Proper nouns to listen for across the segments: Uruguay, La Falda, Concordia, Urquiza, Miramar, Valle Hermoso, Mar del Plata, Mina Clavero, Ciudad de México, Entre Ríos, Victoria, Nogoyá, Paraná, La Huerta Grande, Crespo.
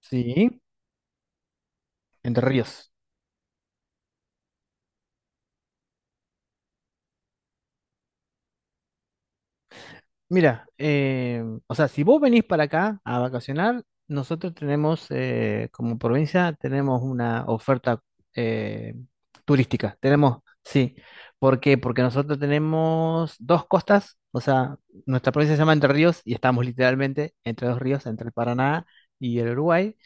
Sí, Entre Ríos. Mira, o sea, si vos venís para acá a vacacionar, nosotros tenemos, como provincia, tenemos una oferta eh, turística. Tenemos, sí. ¿Por qué? Porque nosotros tenemos dos costas, o sea, nuestra provincia se llama Entre Ríos y estamos literalmente entre dos ríos, entre el Paraná y el Uruguay.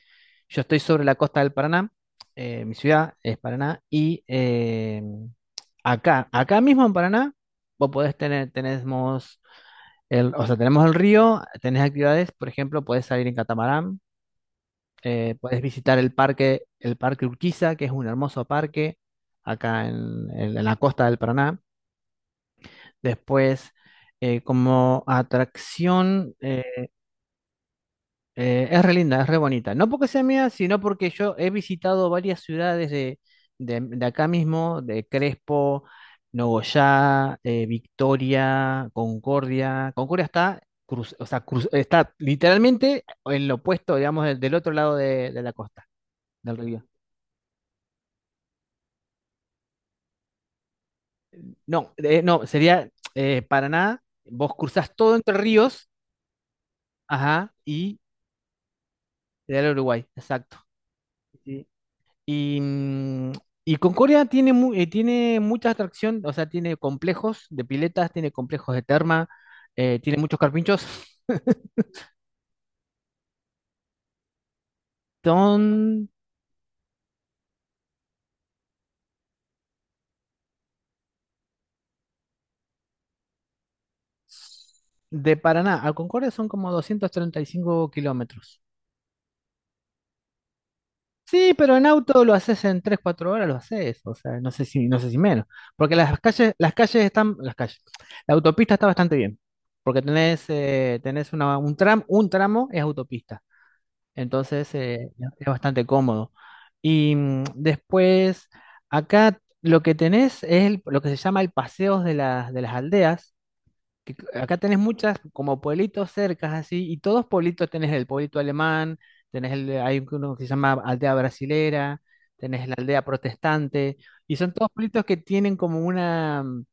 Yo estoy sobre la costa del Paraná, mi ciudad es Paraná, y acá mismo en Paraná, vos podés tener, o sea, tenemos el río, tenés actividades, por ejemplo, podés salir en catamarán, podés visitar el parque Urquiza, que es un hermoso parque acá en la costa del Paraná. Después, como atracción, es re linda, es re bonita. No porque sea mía, sino porque yo he visitado varias ciudades de, de acá mismo, de Crespo, Nogoyá, Victoria, Concordia. Concordia está, o sea, está literalmente en lo opuesto, digamos, del otro lado de la costa, del río. No, no, sería Paraná. Vos cruzás todo entre ríos, ajá, y te da el Uruguay, exacto. Y, mm, y Concordia tiene, tiene mucha atracción, o sea, tiene complejos de piletas, tiene complejos de terma, tiene muchos carpinchos. Son de Paraná a Concordia son como 235 kilómetros. Sí, pero en auto lo haces en 3 4 horas, lo haces, o sea, no sé si menos, porque las calles están, las calles, la autopista está bastante bien, porque tenés un tramo es autopista, entonces es bastante cómodo. Y después, acá lo que tenés es lo que se llama el paseo de las aldeas. Que acá tenés muchas como pueblitos cercas así, y todos pueblitos tenés el pueblito alemán, hay uno que se llama aldea brasilera, tenés la aldea protestante, y son todos pueblitos que tienen como una, mm,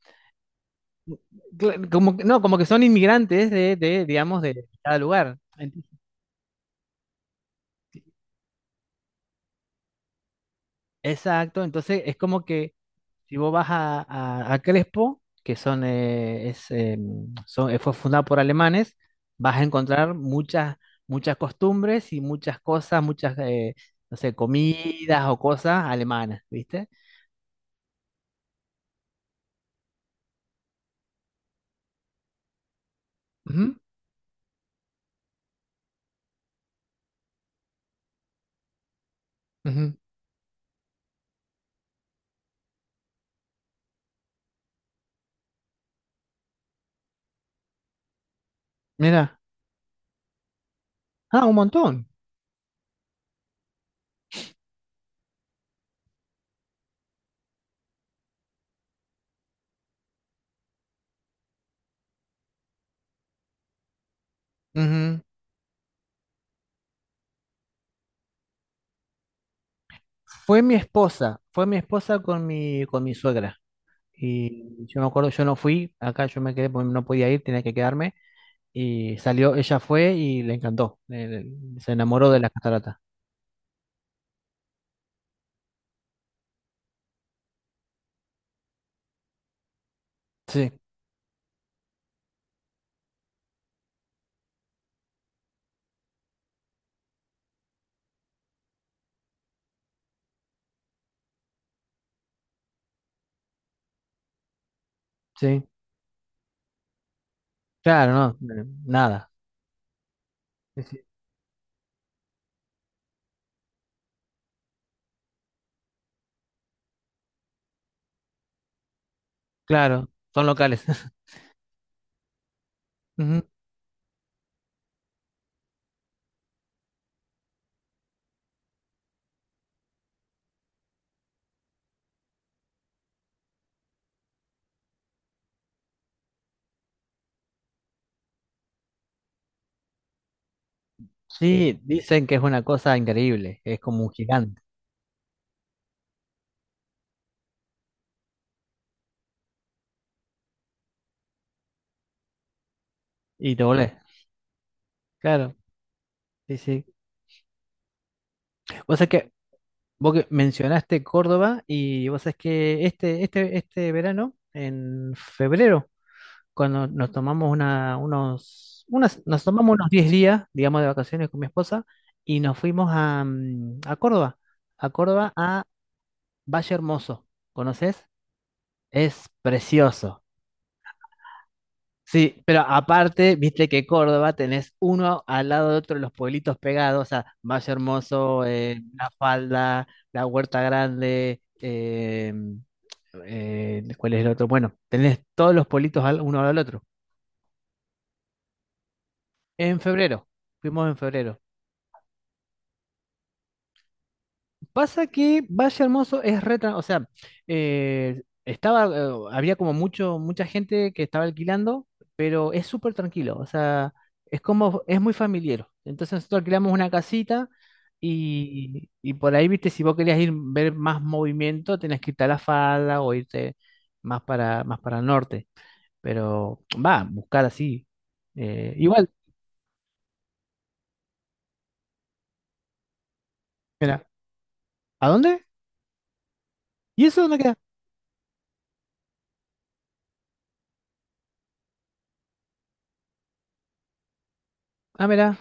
como, no, como que son inmigrantes de digamos, de cada lugar. Exacto, entonces es como que si vos vas a, a Crespo, que son, es, son- fue fundada por alemanes, vas a encontrar muchas costumbres y muchas cosas, muchas, no sé, comidas o cosas alemanas, ¿viste? Ujú, ujú. Mira, ah, un montón. Ujú. Fue mi esposa con mi suegra. Y yo me acuerdo, yo no fui, acá yo me quedé porque no podía ir, tenía que quedarme. Y salió, ella fue y le encantó, se enamoró de las cataratas. Sí, sí, claro, no, nada. Sí, sí, claro, son locales. Ujú. Sí, dicen que es una cosa increíble, es como un gigante. Y te volvés. Claro, sí, sí. Vos sabés que vos que mencionaste Córdoba y vos sabés que este verano, en febrero, cuando nos tomamos nos tomamos unos 10 días, digamos, de vacaciones con mi esposa, y nos fuimos a Córdoba, a Córdoba, a Valle Hermoso. ¿Conoces? Es precioso. Sí, pero aparte, viste que Córdoba tenés uno al lado de otro los pueblitos pegados, o sea, Valle Hermoso, La Falda, La Huerta Grande, ¿cuál es el otro? Bueno, tenés todos los pueblitos uno al otro. En febrero, fuimos en febrero. Pasa que Valle Hermoso es o sea, estaba, había como mucha gente que estaba alquilando, pero es súper tranquilo, o sea, es como, es muy familiar. Entonces nosotros alquilamos una casita y por ahí, viste, si vos querías ir ver más movimiento, tenés que irte a la falda o irte más para el norte. Pero va, buscar así. Igual, mira, ¿a dónde? ¿Y eso dónde queda? Ah, mira,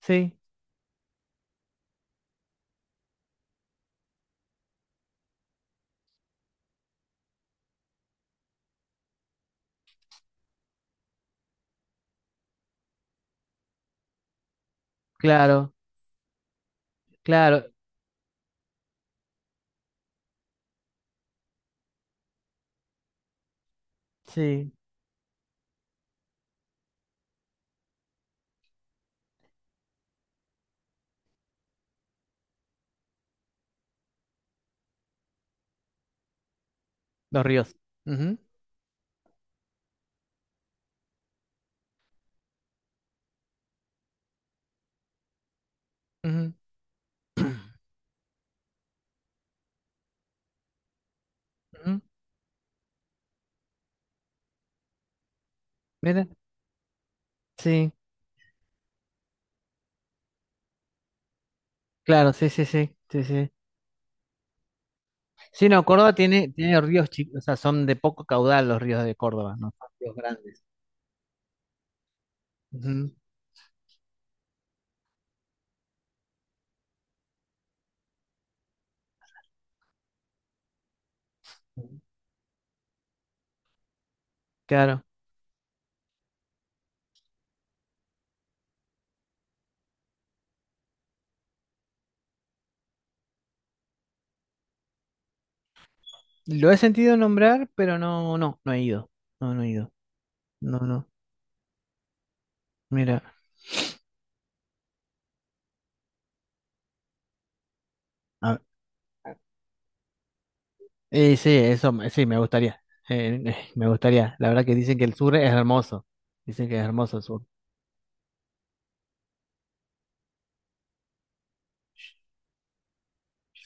sí, claro, claro, sí. Los ríos. Ujú, ujú, ujú. Mira, sí, claro, sí, sí, sí, sí, sí. Sí, no, Córdoba tiene ríos chicos, o sea, son de poco caudal los ríos de Córdoba, no son ríos grandes. Ujú, claro. Lo he sentido nombrar, pero no, no, no he ido. No, no he ido. No, no. Mira. a- sí, eso, sí, me gustaría. Me gustaría. La verdad que dicen que el sur es hermoso. Dicen que es hermoso el sur.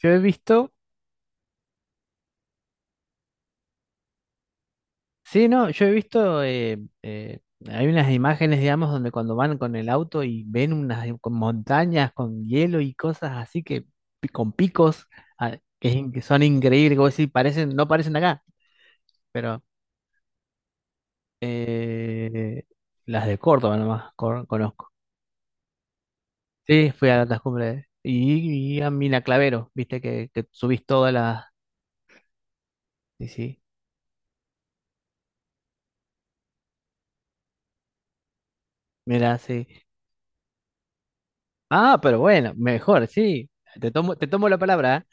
Yo he visto Sí, no, yo he visto, hay unas imágenes, digamos, donde cuando van con el auto y ven unas con montañas con hielo y cosas así que con picos ah, que son increíbles, como decir, no parecen acá, pero eh, las de Córdoba nomás conozco. Sí, fui a las cumbres y a Mina Clavero, viste que subís todas las, sí, sí, mira, sí. Ah, pero bueno, mejor, sí, te tomo la palabra,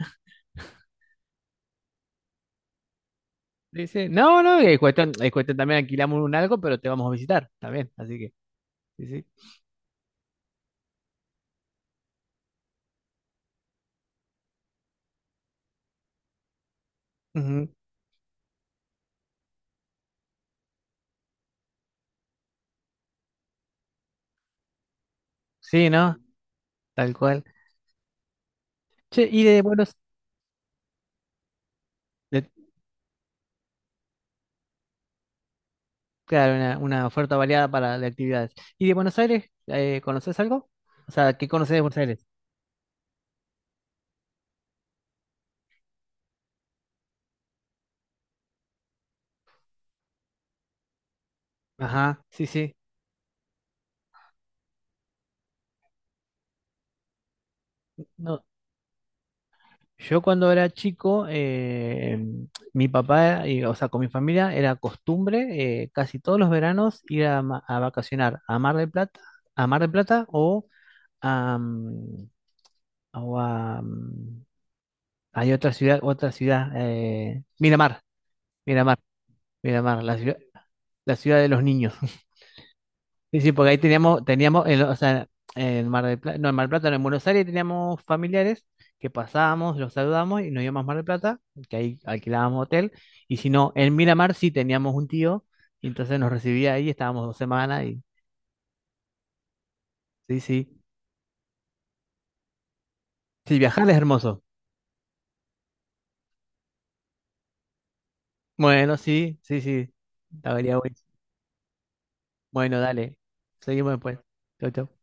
sí, sí. No, no, es cuestión también alquilamos un algo, pero te vamos a visitar también, así que, sí, sí. Ujú. Sí, ¿no? Tal cual. Che, y de Buenos de- claro, una oferta variada para de actividades. ¿Y de Buenos Aires, conoces algo? O sea, ¿qué conoces de Buenos Aires? Ajá, sí, sí. No, yo cuando era chico, mi papá, o sea, con mi familia, era costumbre casi todos los veranos ir a vacacionar a Mar del Plata, a Mar del Plata o a, o a, mm, hay otra ciudad, Miramar, Miramar, Miramar, la ciudad, la ciudad de los niños. Sí, sí, porque ahí teníamos, en, o sea, en Mar del Plata, no, en Mar del Plata, no, en Buenos Aires teníamos familiares que pasábamos, los saludábamos y nos íbamos a Mar del Plata, que ahí alquilábamos hotel, y si no, en Miramar sí teníamos un tío, y entonces nos recibía ahí, estábamos 2 semanas y sí, sí. Sí, viajar es hermoso. Bueno, sí, sí, sí. Estaría bueno. Bueno, dale. Seguimos después. Chau, chau.